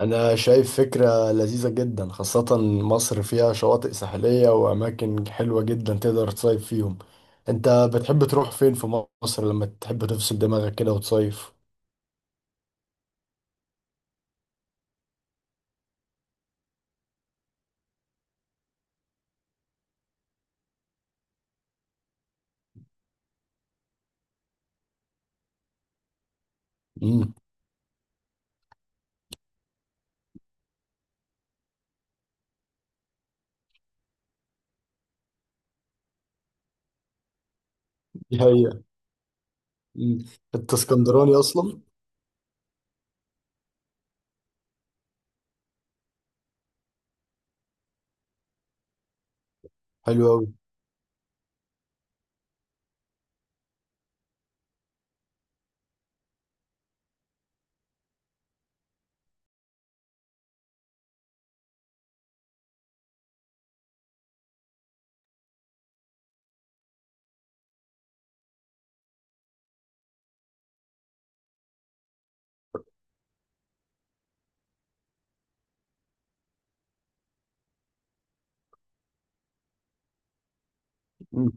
أنا شايف فكرة لذيذة جدا، خاصة مصر فيها شواطئ ساحلية وأماكن حلوة جدا تقدر تصيف فيهم. أنت بتحب تروح فين في مصر لما تحب تفصل دماغك كده وتصيف؟ مم. دي حقيقة. مم. أنت اسكندراني أصلا؟ حلو أوي. مم.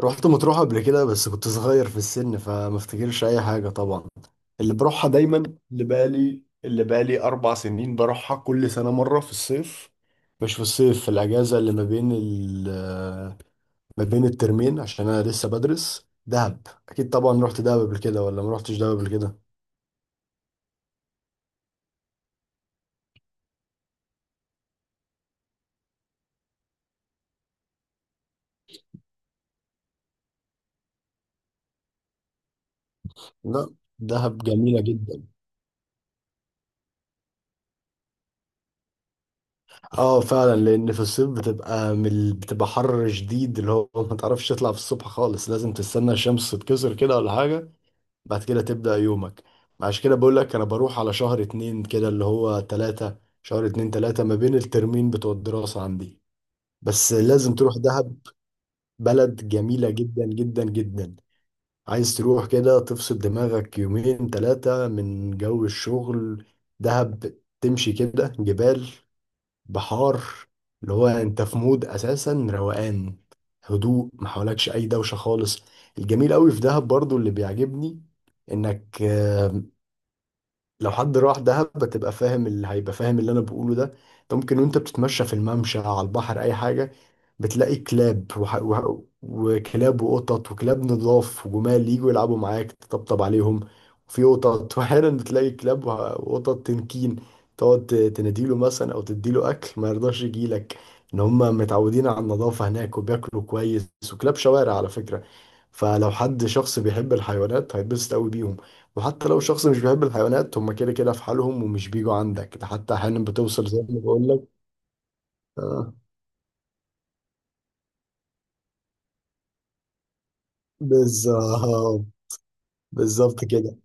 رحت مطروح قبل كده بس كنت صغير في السن فما افتكرش أي حاجة طبعا. اللي بروحها دايما، اللي بقالي أربع سنين بروحها كل سنة مرة في الصيف، مش في الصيف، في الأجازة اللي ما بين الترمين، عشان انا لسه بدرس. دهب اكيد طبعا. رحت دهب قبل كده ولا ما رحتش دهب قبل كده؟ لا، دهب جميلة جدا. اه فعلا، لان في الصيف بتبقى بتبقى حر شديد، اللي هو ما تعرفش تطلع في الصبح خالص، لازم تستنى الشمس تتكسر كده ولا حاجة، بعد كده تبدأ يومك. عشان كده بقول لك انا بروح على شهر اتنين كده، اللي هو تلاتة، شهر اتنين تلاتة، ما بين الترمين بتوع الدراسة عندي. بس لازم تروح دهب، بلد جميلة جدا جدا جدا. عايز تروح كده تفصل دماغك يومين تلاتة من جو الشغل، دهب، تمشي كده جبال، بحار، اللي هو انت في مود اساسا روقان، هدوء، ما حولكش اي دوشة خالص. الجميل قوي في دهب برضو اللي بيعجبني، انك لو حد راح دهب بتبقى فاهم، اللي هيبقى فاهم اللي انا بقوله ده، انت ممكن وانت بتتمشى في الممشى على البحر اي حاجه بتلاقي كلاب وكلاب وقطط، وكلاب نضاف، وجمال يجوا يلعبوا معاك تطبطب عليهم، وفي قطط. واحيانا بتلاقي كلاب وقطط تنكين، تقعد تناديله مثلا او تديله اكل ما يرضاش يجيلك، ان هم متعودين على النظافه هناك وبياكلوا كويس، وكلاب شوارع على فكره. فلو حد شخص بيحب الحيوانات هيتبسط قوي بيهم، وحتى لو الشخص مش بيحب الحيوانات هم كده كده في حالهم ومش بيجوا عندك، ده حتى احيانا بتوصل زي ما بقول لك. آه، بالظبط. بالظبط كده.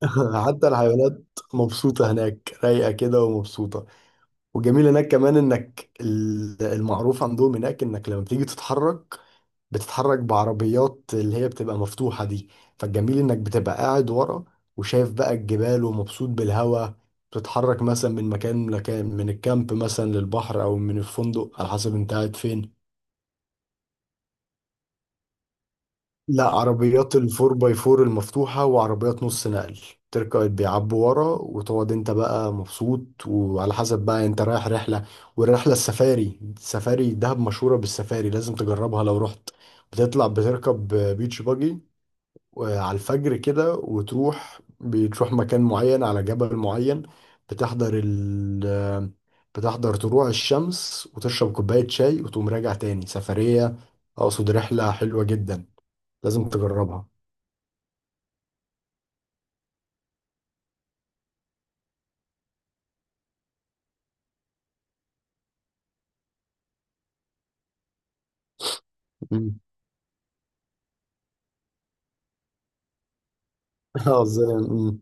حتى الحيوانات مبسوطة هناك، رايقة كده ومبسوطة. وجميل هناك كمان انك المعروف عندهم هناك انك لما بتيجي تتحرك، بتتحرك بعربيات اللي هي بتبقى مفتوحة دي، فالجميل انك بتبقى قاعد ورا وشايف بقى الجبال ومبسوط بالهواء، بتتحرك مثلا من مكان لمكان، من الكامب مثلا للبحر او من الفندق، على حسب انت قاعد فين. لا، عربيات الفور باي فور المفتوحة، وعربيات نص نقل، تركب بيعبوا ورا وتقعد انت بقى مبسوط، وعلى حسب بقى انت رايح رحلة. والرحلة السفاري، السفاري دهب مشهورة بالسفاري، لازم تجربها لو رحت. بتطلع بتركب بيتش باجي، وعلى الفجر كده، وتروح بتروح مكان معين على جبل معين، بتحضر ال بتحضر طلوع الشمس، وتشرب كوباية شاي وتقوم راجع تاني سفرية. أقصد رحلة حلوة جدا، لازم تجربها. مم. اه زي مم.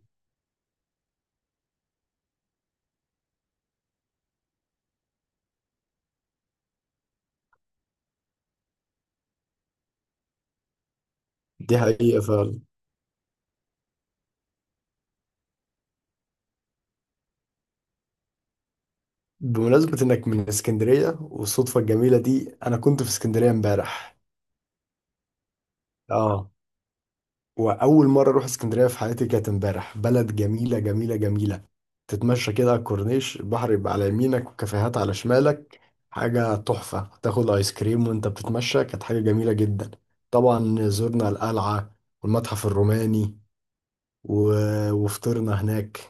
دي حقيقة فعلا. بمناسبة إنك من اسكندرية والصدفة الجميلة دي، أنا كنت في اسكندرية امبارح. اه، واول مره اروح اسكندريه في حياتي كانت امبارح. بلد جميله جميله جميله، تتمشى كده على الكورنيش، البحر يبقى على يمينك وكافيهات على شمالك، حاجه تحفه، تاخد ايس كريم وانت بتتمشى، كانت حاجه جميله جدا. طبعا زرنا القلعه والمتحف الروماني و... وفطرنا هناك.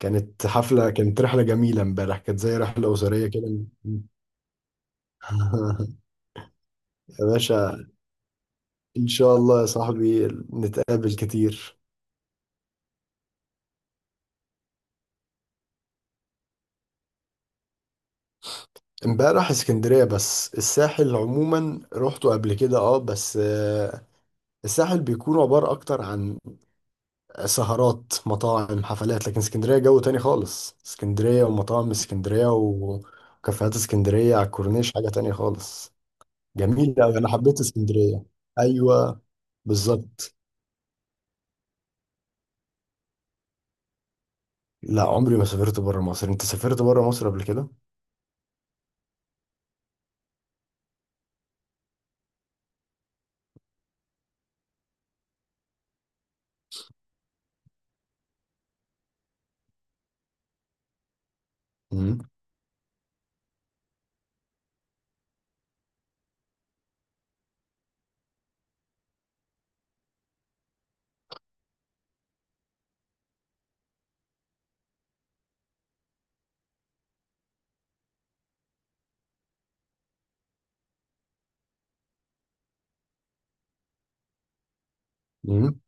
كانت حفله، كانت رحله جميله امبارح، كانت زي رحله اسريه كده. يا باشا. ان شاء الله يا صاحبي، نتقابل كتير. امبارح اسكندرية بس، الساحل عموما روحته قبل كده اه، بس الساحل بيكون عبارة اكتر عن سهرات، مطاعم، حفلات، لكن اسكندرية جو تاني خالص، اسكندرية ومطاعم اسكندرية وكافيهات اسكندرية على الكورنيش حاجة تانية خالص. جميل اوي، انا حبيت اسكندرية. ايوه. بالظبط. لا، عمري ما سافرت بره مصر، انت سافرت بره مصر قبل كده؟ امم. امم.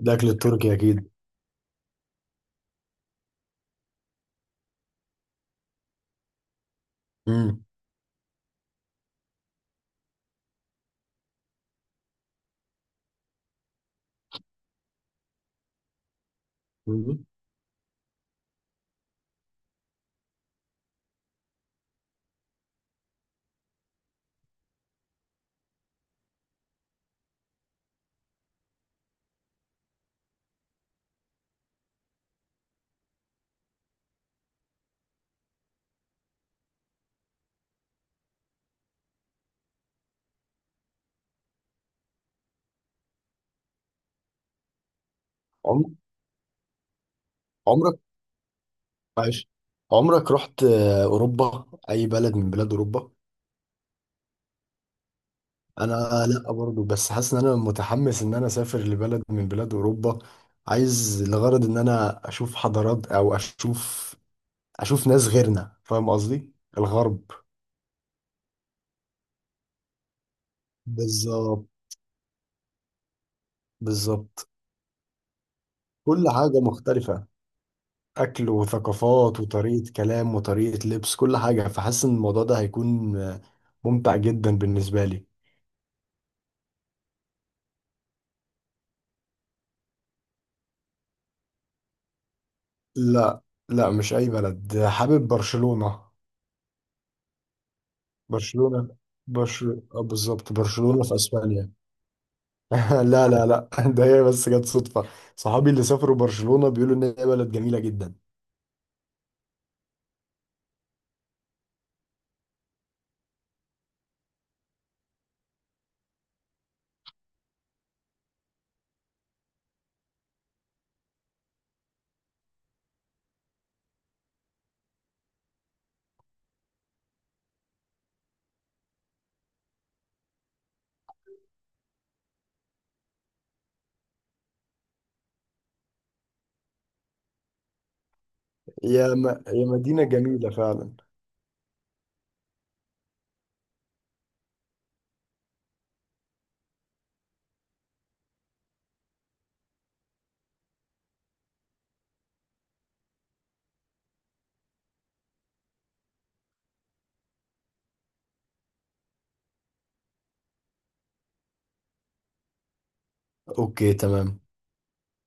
الاكل التركي اكيد. امم. عمرك عايش، عمرك رحت اوروبا، اي بلد من بلاد اوروبا؟ انا لا برضو، بس حاسس ان انا متحمس ان انا اسافر لبلد من بلاد اوروبا. عايز لغرض ان انا اشوف حضارات او اشوف، اشوف ناس غيرنا، فاهم قصدي، الغرب. بالظبط. بالظبط، كل حاجة مختلفة، اكل وثقافات وطريقة كلام وطريقة لبس، كل حاجة، فحاسس ان الموضوع ده هيكون ممتع جدا بالنسبة لي. لا لا، مش اي بلد، حابب برشلونة. برشلونة. برشلونة اه، بالظبط، برشلونة في اسبانيا. لا لا لا، ده هي بس جت صدفة، صحابي اللي سافروا برشلونة بيقولوا ان هي بلد جميلة جدا. يا مدينة جميلة فعلا. اوكي تمام.